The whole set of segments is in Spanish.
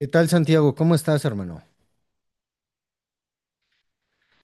¿Qué tal, Santiago? ¿Cómo estás, hermano?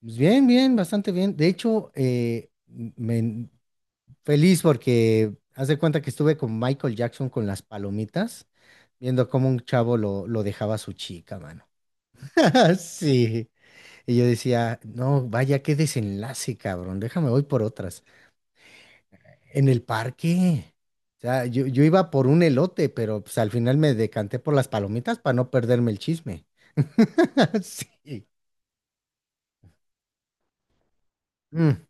Pues bien, bien, bastante bien. De hecho, feliz porque haz de cuenta que estuve con Michael Jackson con las palomitas, viendo cómo un chavo lo dejaba a su chica, mano. Sí. Y yo decía, no, vaya, qué desenlace, cabrón. Déjame, voy por otras. En el parque. O sea, yo iba por un elote, pero pues al final me decanté por las palomitas para no perderme el chisme. Sí. Mm.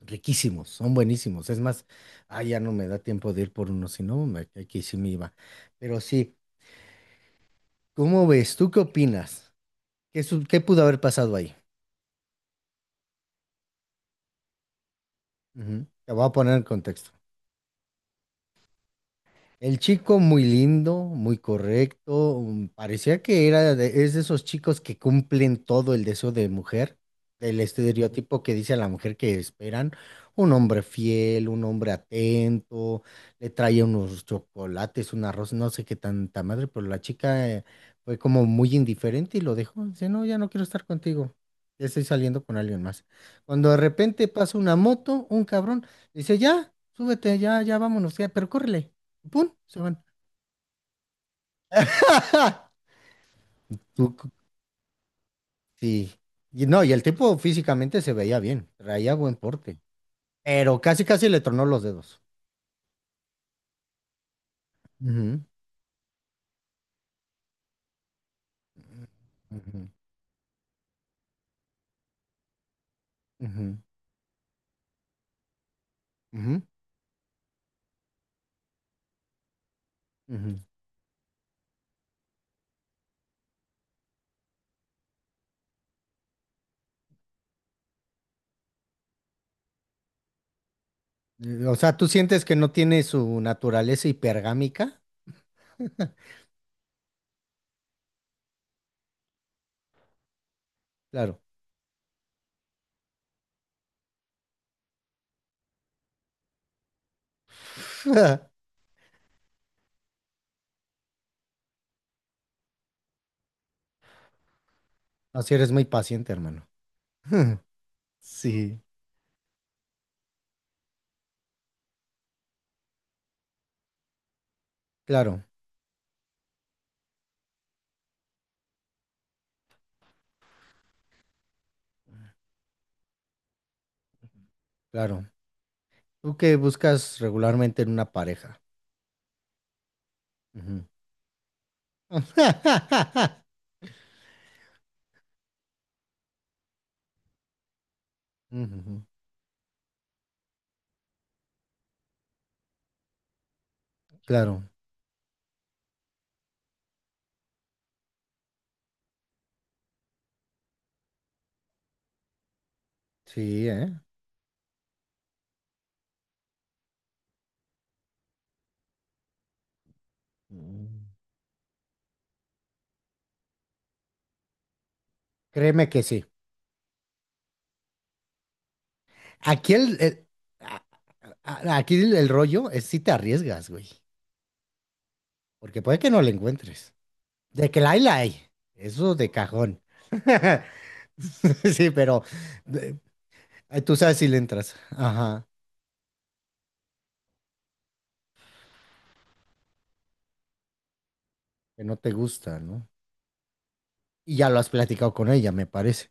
Riquísimos, son buenísimos. Es más, ya no me da tiempo de ir por uno, si no, aquí sí me iba. Pero sí, ¿cómo ves? ¿Tú qué opinas? ¿Qué, qué pudo haber pasado ahí? Ujú. Te voy a poner en contexto. El chico muy lindo, muy correcto, mm, parecía que era es de esos chicos que cumplen todo el deseo de mujer, el estereotipo que dice a la mujer que esperan, un hombre fiel, un hombre atento, le traía unos chocolates, un arroz, no sé qué tanta madre, pero la chica fue como muy indiferente y lo dejó, dice, no, ya no quiero estar contigo, ya estoy saliendo con alguien más. Cuando de repente pasa una moto, un cabrón, dice, ya, súbete, ya, ya vámonos, ya, pero córrele. ¡Pum! Se van. Tú cu- sí. Y no, y el tipo físicamente se veía bien, traía buen porte, pero casi casi le tronó los dedos. Ujú, ujú, ujú, ujú, ujú. O sea, ¿tú sientes que no tiene su naturaleza hipergámica? Claro. Así eres muy paciente, hermano. Sí, claro, claro. ¿Tú qué buscas regularmente en una pareja? Ujú. Ujú. Claro, sí, ¿eh? Mm. Créeme que sí. Aquí el, el- a- aquí el rollo es si te arriesgas, güey. Porque puede que no la encuentres. De que la hay, la hay. Eso de cajón. Sí, pero de- tú sabes si le entras. Ajá. Que no te gusta, ¿no? Y ya lo has platicado con ella, me parece.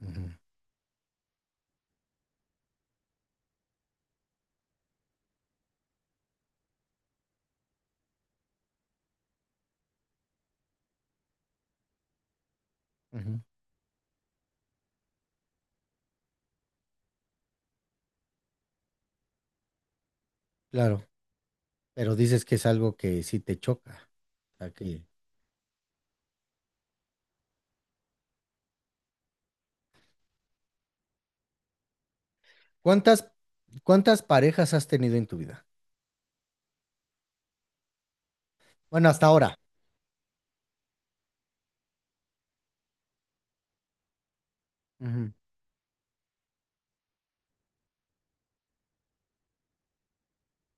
Ujú, ujú. Claro. Pero dices que es algo que sí te choca. O sea que- ¿Cuántas, cuántas parejas has tenido en tu vida? Bueno, hasta ahora.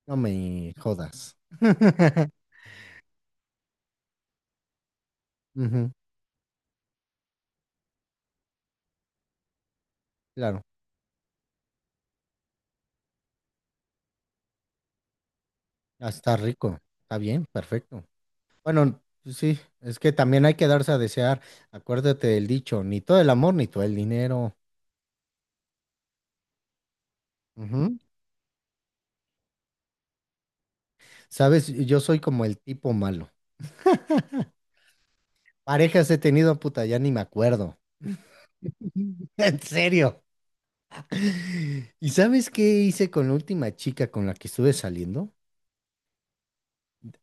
No me jodas. Ujú, claro. Ah, está rico, está bien, perfecto. Bueno, pues sí, es que también hay que darse a desear. Acuérdate del dicho, ni todo el amor, ni todo el dinero. Ujú. Sabes, yo soy como el tipo malo. Parejas he tenido, puta, ya ni me acuerdo. En serio. ¿Y sabes qué hice con la última chica con la que estuve saliendo?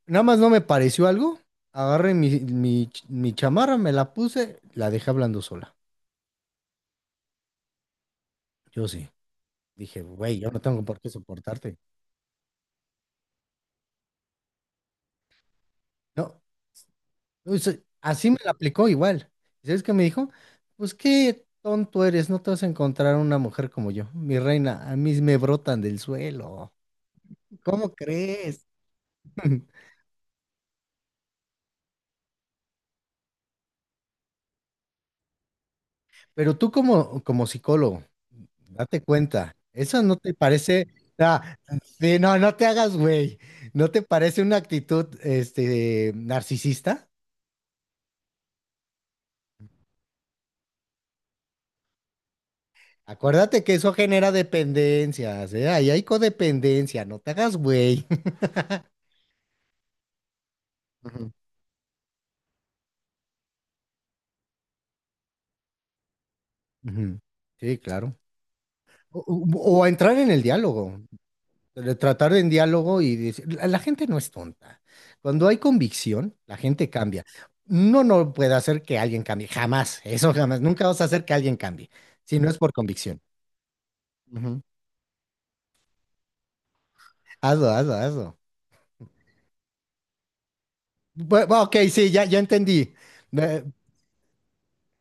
Nada más no me pareció algo. Agarré mi chamarra, me la puse, la dejé hablando sola. Yo sí. Dije, güey, yo no tengo por qué soportarte. No, pues, así me la aplicó igual. ¿Y ¿Sabes qué me dijo? Pues qué tonto eres, no te vas a encontrar una mujer como yo. Mi reina, a mí me brotan del suelo. ¿Cómo crees? Pero tú como, como psicólogo, date cuenta, ¿eso no te parece... Ah, sí, no, no te hagas, güey. ¿No te parece una actitud, este, narcisista? Acuérdate que eso genera dependencias, ¿eh? Ahí hay codependencia, no te hagas güey. Ujú. Ujú. Sí, claro. O entrar en el diálogo, de tratar en diálogo y decir, la gente no es tonta. Cuando hay convicción, la gente cambia. No, no puede hacer que alguien cambie, jamás, eso jamás. Nunca vas a hacer que alguien cambie, si no es por convicción. Ujú. Hazlo, hazlo, hazlo. Ok, sí, ya, ya entendí. Eh,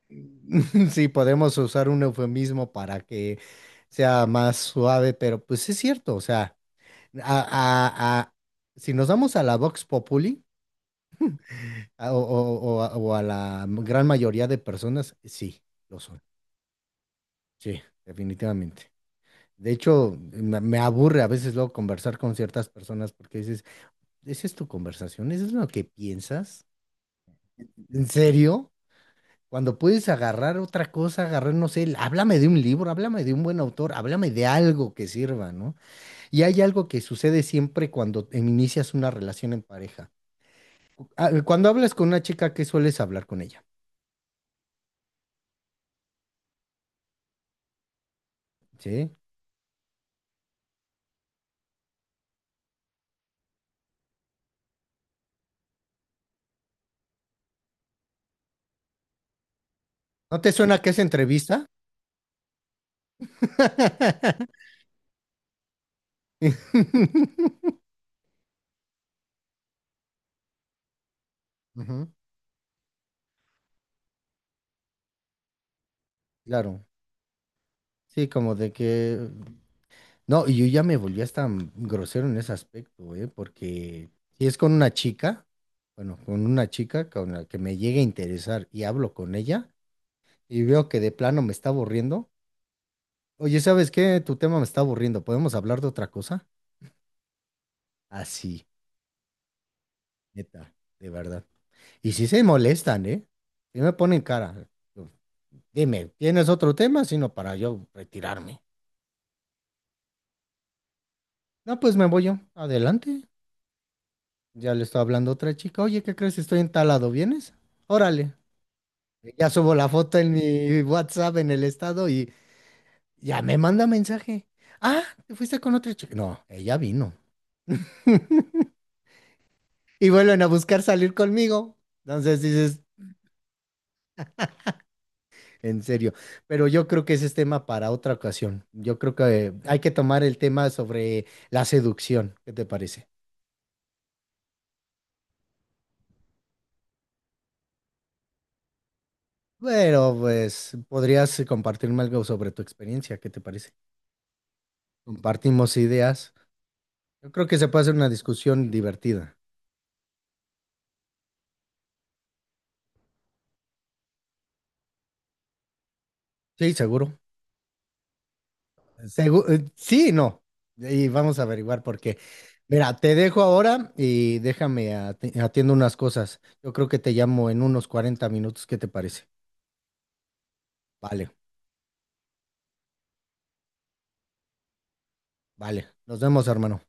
Sí, podemos usar un eufemismo para que sea más suave, pero pues es cierto, o sea, a- a- a- si nos damos a la Vox Populi a- o a la gran mayoría de personas, sí, lo son, sí, definitivamente. De hecho, me aburre a veces luego conversar con ciertas personas porque dices, ¿esa es tu conversación? ¿Eso es lo que piensas? ¿En serio? Cuando puedes agarrar otra cosa, agarrar, no sé, háblame de un libro, háblame de un buen autor, háblame de algo que sirva, ¿no? Y hay algo que sucede siempre cuando inicias una relación en pareja. Ah, cuando hablas con una chica, ¿qué sueles hablar con ella? ¿Sí? ¿No te suena que es entrevista? Ujú. Claro, sí, como de que No, y yo ya me volví hasta grosero en ese aspecto, ¿eh? Porque si es con una chica, bueno, con una chica con la que me llegue a interesar y hablo con ella y veo que de plano me está aburriendo, oye, ¿sabes qué? Tu tema me está aburriendo, ¿podemos hablar de otra cosa? Así, neta, de verdad. Y si se molestan, ¿eh? Y me ponen cara. yo, Dime, ¿tienes otro tema? Sino para yo retirarme. No, pues me voy yo. Adelante. Ya le estoy hablando a otra chica. Oye, ¿qué crees? Estoy en tal lado, ¿vienes? Órale. Ya subo la foto en mi WhatsApp en el estado y ya me manda mensaje. Ah, te fuiste con otra chica. No, ella vino. Y vuelven a buscar salir conmigo. Entonces dices, en serio. Pero yo creo que ese es tema para otra ocasión. Yo creo que hay que tomar el tema sobre la seducción. ¿Qué te parece? Bueno, pues podrías compartirme algo sobre tu experiencia. ¿Qué te parece? Compartimos ideas. Yo creo que se puede hacer una discusión divertida. Sí, seguro. Sí, no. Y vamos a averiguar por qué. Mira, te dejo ahora y déjame atiendo unas cosas. Yo creo que te llamo en unos 40 minutos. ¿Qué te parece? Vale, vale. Nos vemos, hermano.